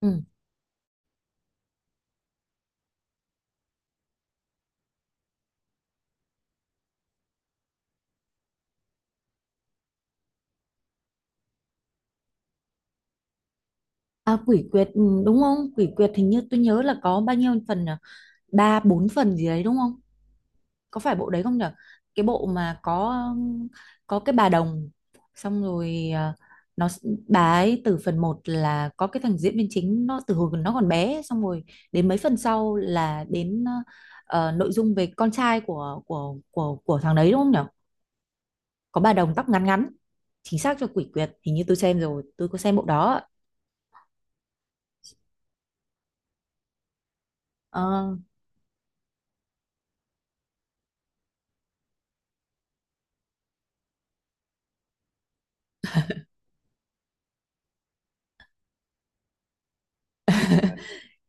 Ừ. À, quỷ quyệt đúng không? Quỷ quyệt hình như tôi nhớ là có bao nhiêu phần nhỉ? Ba bốn phần gì đấy đúng không? Có phải bộ đấy không nhỉ? Cái bộ mà um, có cái bà đồng xong rồi, bà ấy từ phần một là có cái thằng diễn viên chính nó từ hồi nó còn bé, xong rồi đến mấy phần sau là đến nội dung về con trai của thằng đấy, đúng không nhỉ? Có bà đồng tóc ngắn ngắn. Chính xác cho quỷ quyệt, hình như tôi xem rồi, tôi có xem bộ đó. Ờ,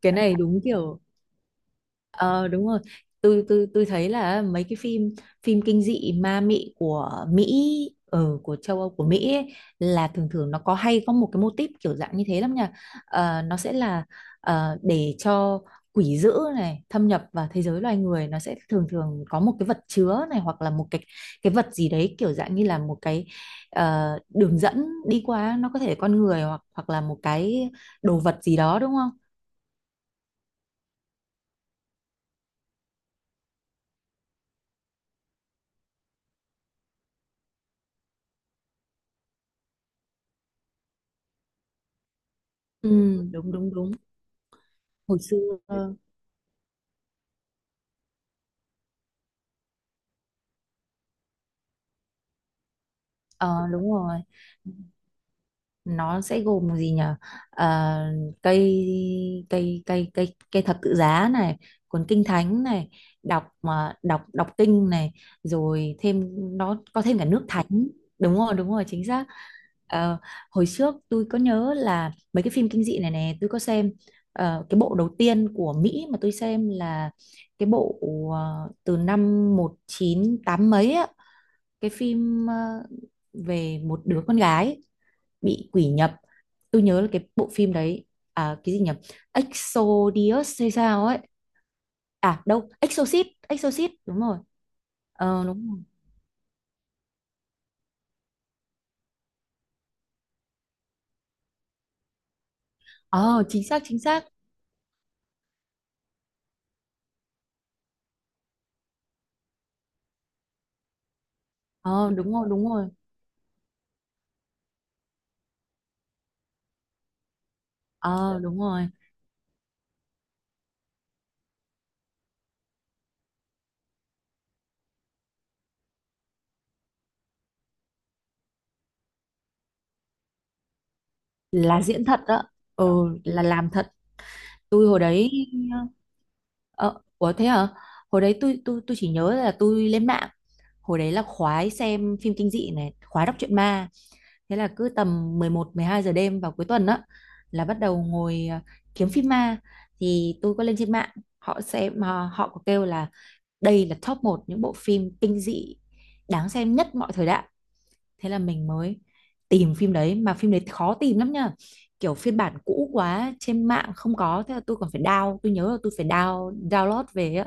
cái này đúng kiểu. Ờ đúng rồi. Tôi thấy là mấy cái phim phim kinh dị ma mị của Mỹ, ở của châu Âu của Mỹ ấy, là thường thường nó có hay có một cái mô típ kiểu dạng như thế lắm nha. Ờ, nó sẽ là để cho quỷ dữ này thâm nhập vào thế giới loài người, nó sẽ thường thường có một cái vật chứa này, hoặc là một cái vật gì đấy kiểu dạng như là một cái đường dẫn đi qua, nó có thể con người hoặc hoặc là một cái đồ vật gì đó, đúng không? Ừ. Đúng đúng đúng. Hồi xưa. Ờ đúng rồi, nó sẽ gồm gì nhỉ? Ờ, cây cây cây cây cây thập tự giá này, cuốn kinh thánh này, đọc mà đọc đọc kinh này, rồi thêm nó có thêm cả nước thánh. Đúng rồi, đúng rồi, chính xác. Ờ, hồi trước tôi có nhớ là mấy cái phim kinh dị này này tôi có xem. Ờ, cái bộ đầu tiên của Mỹ mà tôi xem là cái bộ từ năm 198 mấy á, cái phim về một đứa con gái bị quỷ nhập. Tôi nhớ là cái bộ phim đấy, à, cái gì nhỉ? Exodius hay sao ấy. À đâu, Exorcist. Exorcist, đúng rồi. Ờ đúng rồi. Ờ chính xác, chính xác. Ờ đúng rồi, đúng rồi. Ờ đúng rồi, là diễn thật đó. Ờ, là làm thật. Tôi hồi đấy, ờ ờ, ủa thế hả? Hồi đấy tôi chỉ nhớ là tôi lên mạng. Hồi đấy là khoái xem phim kinh dị này, khoái đọc truyện ma. Thế là cứ tầm 11 12 giờ đêm vào cuối tuần á, là bắt đầu ngồi kiếm phim ma. Thì tôi có lên trên mạng, họ sẽ mà họ có kêu là đây là top một những bộ phim kinh dị đáng xem nhất mọi thời đại. Thế là mình mới tìm phim đấy, mà phim đấy khó tìm lắm nha. Kiểu phiên bản cũ quá trên mạng không có, thế là tôi còn phải tôi nhớ là tôi phải download về á,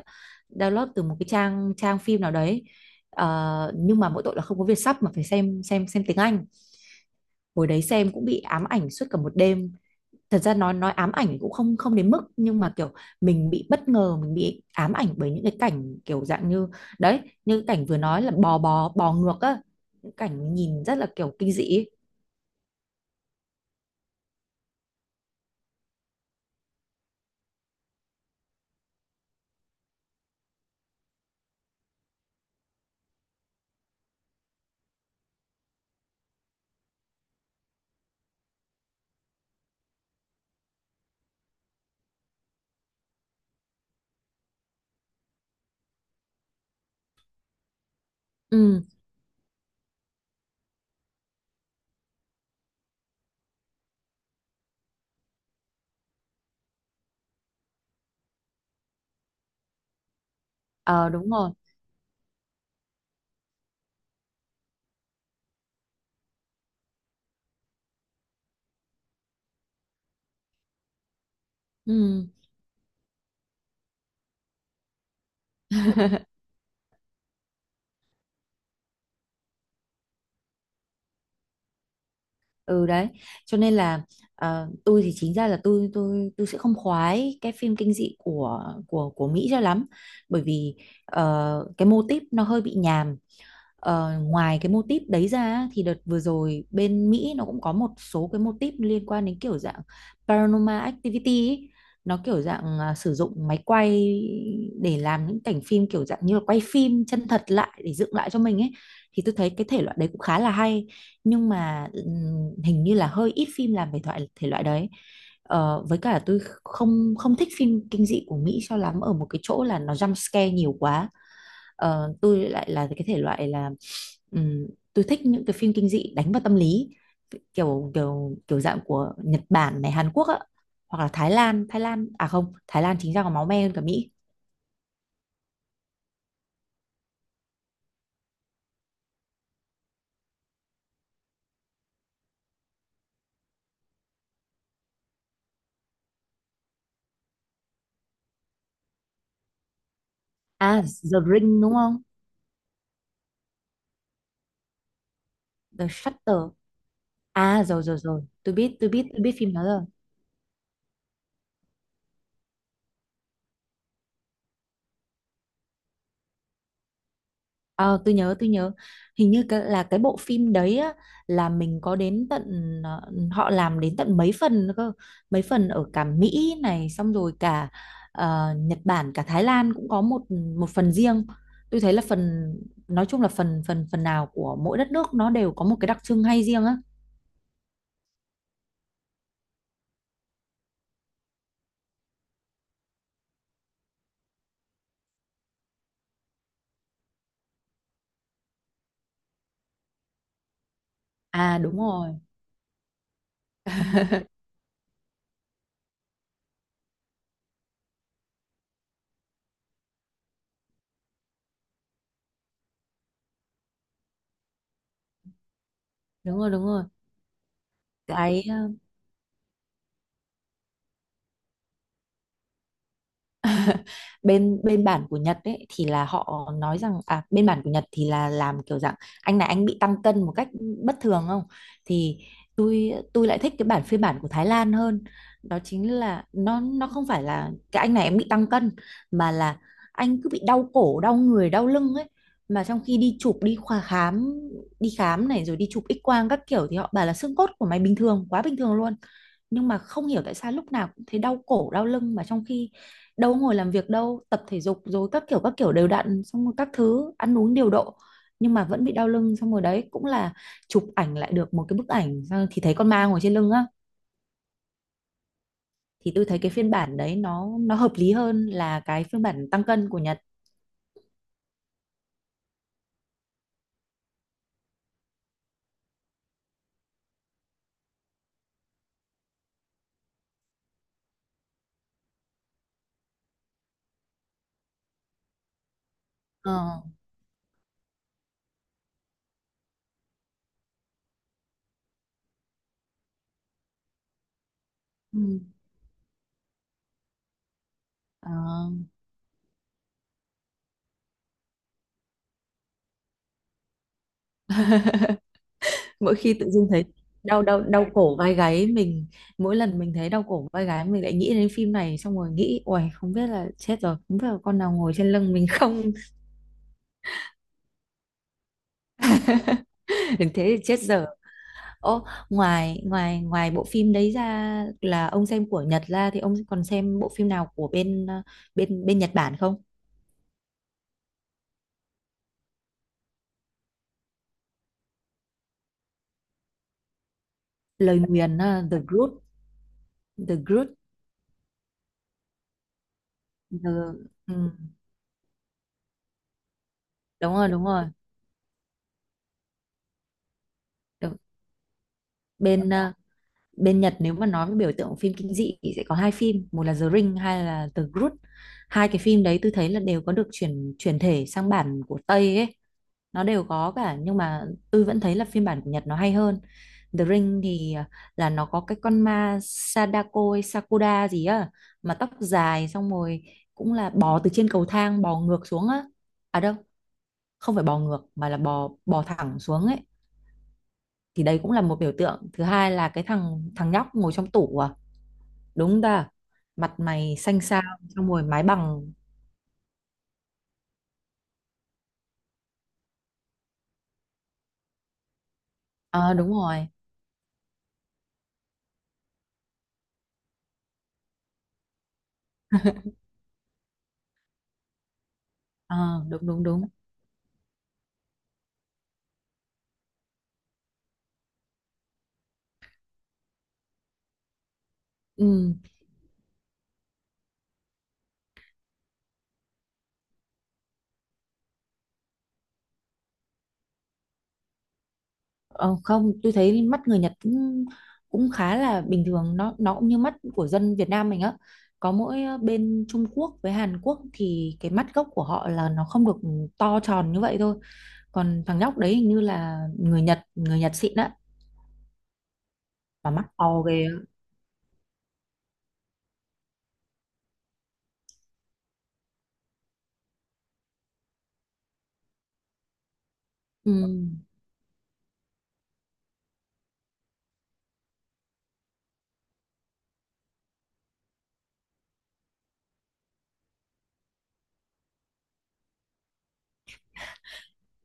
download từ một cái trang trang phim nào đấy. Ờ, nhưng mà mỗi tội là không có Vietsub, mà phải xem tiếng Anh. Hồi đấy xem cũng bị ám ảnh suốt cả một đêm. Thật ra nói ám ảnh cũng không không đến mức, nhưng mà kiểu mình bị bất ngờ, mình bị ám ảnh bởi những cái cảnh kiểu dạng như đấy, như cảnh vừa nói là bò bò bò ngược á, những cảnh nhìn rất là kiểu kinh dị ấy. Ừ. Ờ đúng rồi. Ừ. Ừ đấy, cho nên là tôi thì chính ra là tôi sẽ không khoái cái phim kinh dị của Mỹ cho lắm, bởi vì cái mô típ nó hơi bị nhàm. Ờ, ngoài cái mô típ đấy ra, thì đợt vừa rồi bên Mỹ nó cũng có một số cái mô típ liên quan đến kiểu dạng paranormal activity ấy. Nó kiểu dạng sử dụng máy quay để làm những cảnh phim kiểu dạng như là quay phim chân thật lại để dựng lại cho mình ấy, thì tôi thấy cái thể loại đấy cũng khá là hay. Nhưng mà hình như là hơi ít phim làm về thoại thể loại đấy. Ờ, với cả tôi không không thích phim kinh dị của Mỹ cho lắm ở một cái chỗ là nó jump scare nhiều quá. Ờ, tôi lại là cái thể loại là ừm, tôi thích những cái phim kinh dị đánh vào tâm lý, kiểu kiểu kiểu dạng của Nhật Bản này, Hàn Quốc á, hoặc là Thái Lan. Thái Lan, à không, Thái Lan chính ra còn máu me hơn cả Mỹ. À, The Ring đúng không? The Shutter. À rồi rồi rồi, tôi biết, tôi biết, tôi biết phim đó rồi. Ờ, tôi nhớ hình như là cái bộ phim đấy á, là mình có đến tận ờ, họ làm đến tận mấy phần nữa cơ, mấy phần ở cả Mỹ này, xong rồi cả Nhật Bản, cả Thái Lan cũng có một một phần riêng. Tôi thấy là phần, nói chung là phần phần phần nào của mỗi đất nước nó đều có một cái đặc trưng hay riêng á. À đúng rồi. Đúng rồi, đúng rồi. Cái bên bên bản của Nhật ấy, thì là họ nói rằng, à, bên bản của Nhật thì là làm kiểu dạng anh này anh bị tăng cân một cách bất thường không, thì tôi lại thích cái bản phiên bản của Thái Lan hơn. Đó chính là nó không phải là cái anh này em bị tăng cân, mà là anh cứ bị đau cổ đau người đau lưng ấy, mà trong khi đi chụp đi khoa khám, đi khám này rồi đi chụp X quang các kiểu, thì họ bảo là xương cốt của mày bình thường quá, bình thường luôn, nhưng mà không hiểu tại sao lúc nào cũng thấy đau cổ đau lưng. Mà trong khi đâu ngồi làm việc, đâu tập thể dục rồi các kiểu đều đặn, xong rồi các thứ ăn uống điều độ, nhưng mà vẫn bị đau lưng, xong rồi đấy cũng là chụp ảnh lại được một cái bức ảnh, xong thì thấy con ma ngồi trên lưng á. Thì tôi thấy cái phiên bản đấy nó hợp lý hơn là cái phiên bản tăng cân của Nhật. Ờ. Ừ. Ờ. Mỗi khi tự dưng thấy đau đau đau cổ vai gáy mình, mỗi lần mình thấy đau cổ vai gáy, mình lại nghĩ đến phim này, xong rồi nghĩ uầy không biết là chết rồi, không biết là con nào ngồi trên lưng mình không. Thế thì chết dở. Ô, ngoài ngoài ngoài bộ phim đấy ra là ông xem của Nhật ra, thì ông còn xem bộ phim nào của bên bên bên Nhật Bản không? Lời nguyền, The Group, The Group, The, ừ, đúng rồi, đúng rồi. Đúng. Bên ờ, bên Nhật nếu mà nói về biểu tượng phim kinh dị thì sẽ có hai phim, một là The Ring, hai là The Group. Hai cái phim đấy tôi thấy là đều có được chuyển chuyển thể sang bản của Tây ấy. Nó đều có cả, nhưng mà tôi vẫn thấy là phiên bản của Nhật nó hay hơn. The Ring thì là nó có cái con ma Sadako hay Sakura gì á, mà tóc dài, xong rồi cũng là bò từ trên cầu thang bò ngược xuống á. À đâu, không phải bò ngược mà là bò bò thẳng xuống ấy. Thì đấy cũng là một biểu tượng. Thứ hai là cái thằng thằng nhóc ngồi trong tủ, à đúng ta, mặt mày xanh xao, xong rồi mái bằng. Ờ đúng rồi. Ờ đúng đúng đúng. Ừ. Ờ, không, tôi thấy mắt người Nhật cũng khá là bình thường, nó cũng như mắt của dân Việt Nam mình á. Có mỗi bên Trung Quốc với Hàn Quốc thì cái mắt gốc của họ là nó không được to tròn như vậy thôi. Còn thằng nhóc đấy hình như là người Nhật xịn á, mà mắt to ghê. Á. Ừ.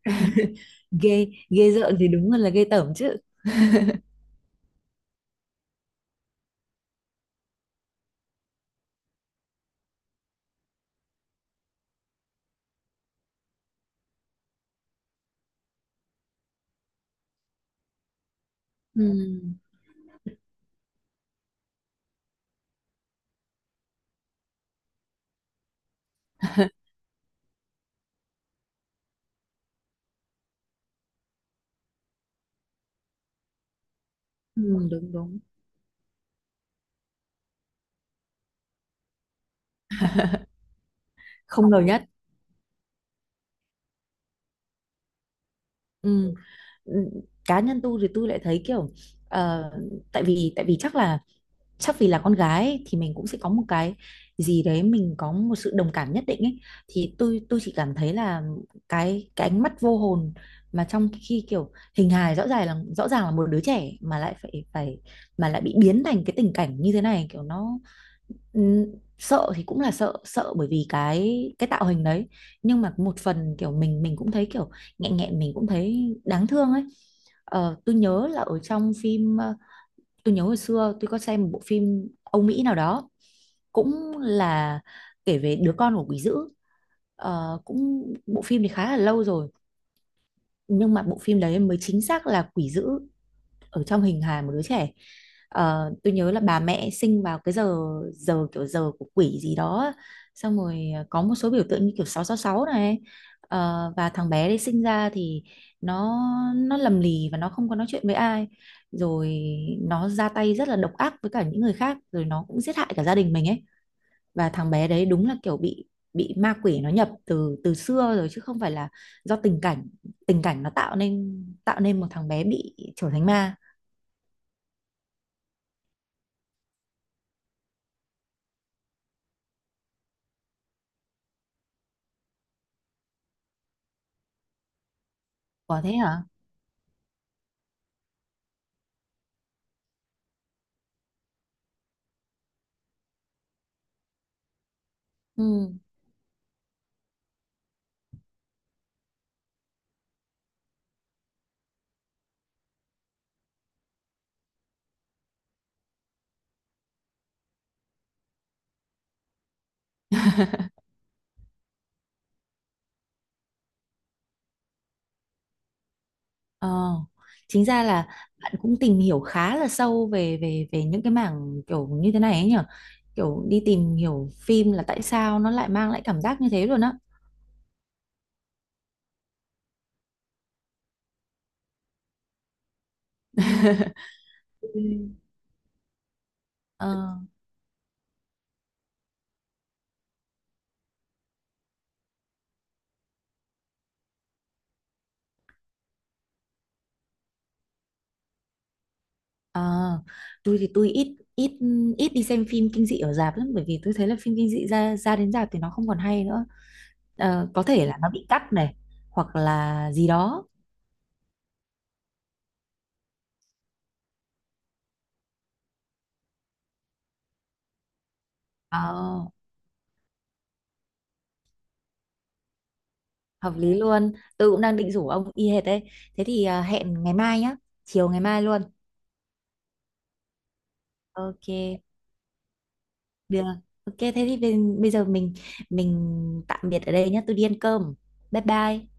Ghê, ghê rợn thì đúng là ghê tởm chứ. Ừ. Ừ, đúng đúng, không ngờ nhất. Ừ. ừ, cá nhân tôi thì tôi lại thấy kiểu ờ, tại vì chắc là chắc vì là con gái ấy, thì mình cũng sẽ có một cái gì đấy, mình có một sự đồng cảm nhất định ấy, thì tôi chỉ cảm thấy là cái ánh mắt vô hồn, mà trong khi kiểu hình hài rõ ràng là một đứa trẻ mà lại phải phải mà lại bị biến thành cái tình cảnh như thế này, kiểu nó ừm, sợ thì cũng là sợ sợ bởi vì cái tạo hình đấy. Nhưng mà một phần kiểu mình cũng thấy kiểu nghẹn nghẹn, mình cũng thấy đáng thương ấy. Ờ, tôi nhớ là ở trong phim, tôi nhớ hồi xưa tôi có xem một bộ phim Âu Mỹ nào đó, cũng là kể về đứa con của quỷ dữ. Ờ, cũng bộ phim thì khá là lâu rồi, nhưng mà bộ phim đấy mới chính xác là quỷ dữ ở trong hình hài một đứa trẻ. Ờ, tôi nhớ là bà mẹ sinh vào cái giờ giờ kiểu giờ của quỷ gì đó á. Xong rồi có một số biểu tượng như kiểu 666 này. Ờ, và thằng bé đấy sinh ra thì nó nó lầm lì và nó không có nói chuyện với ai, rồi nó ra tay rất là độc ác với cả những người khác, rồi nó cũng giết hại cả gia đình mình ấy. Và thằng bé đấy đúng là kiểu bị ma quỷ nó nhập từ từ xưa rồi, chứ không phải là do tình cảnh, nó tạo nên một thằng bé bị trở thành ma. Có thế hả? Ừ. Ờ. Chính ra là bạn cũng tìm hiểu khá là sâu về về về những cái mảng kiểu như thế này ấy nhở? Kiểu đi tìm hiểu phim là tại sao nó lại mang lại cảm giác như thế luôn á. Ừ. Ờ, ờ. Tôi thì tôi ít ít ít đi xem phim kinh dị ở rạp lắm, bởi vì tôi thấy là phim kinh dị ra, đến rạp thì nó không còn hay nữa. Ờ, có thể là nó bị cắt này, hoặc là gì đó. Ờ, hợp lý luôn, tôi cũng đang định rủ ông y hệt đấy. Thế thì hẹn ngày mai nhá, chiều ngày mai luôn. Ok, được. Ok, thế thì bây bây giờ mình tạm biệt ở đây nhá, tôi đi ăn cơm. Bye bye.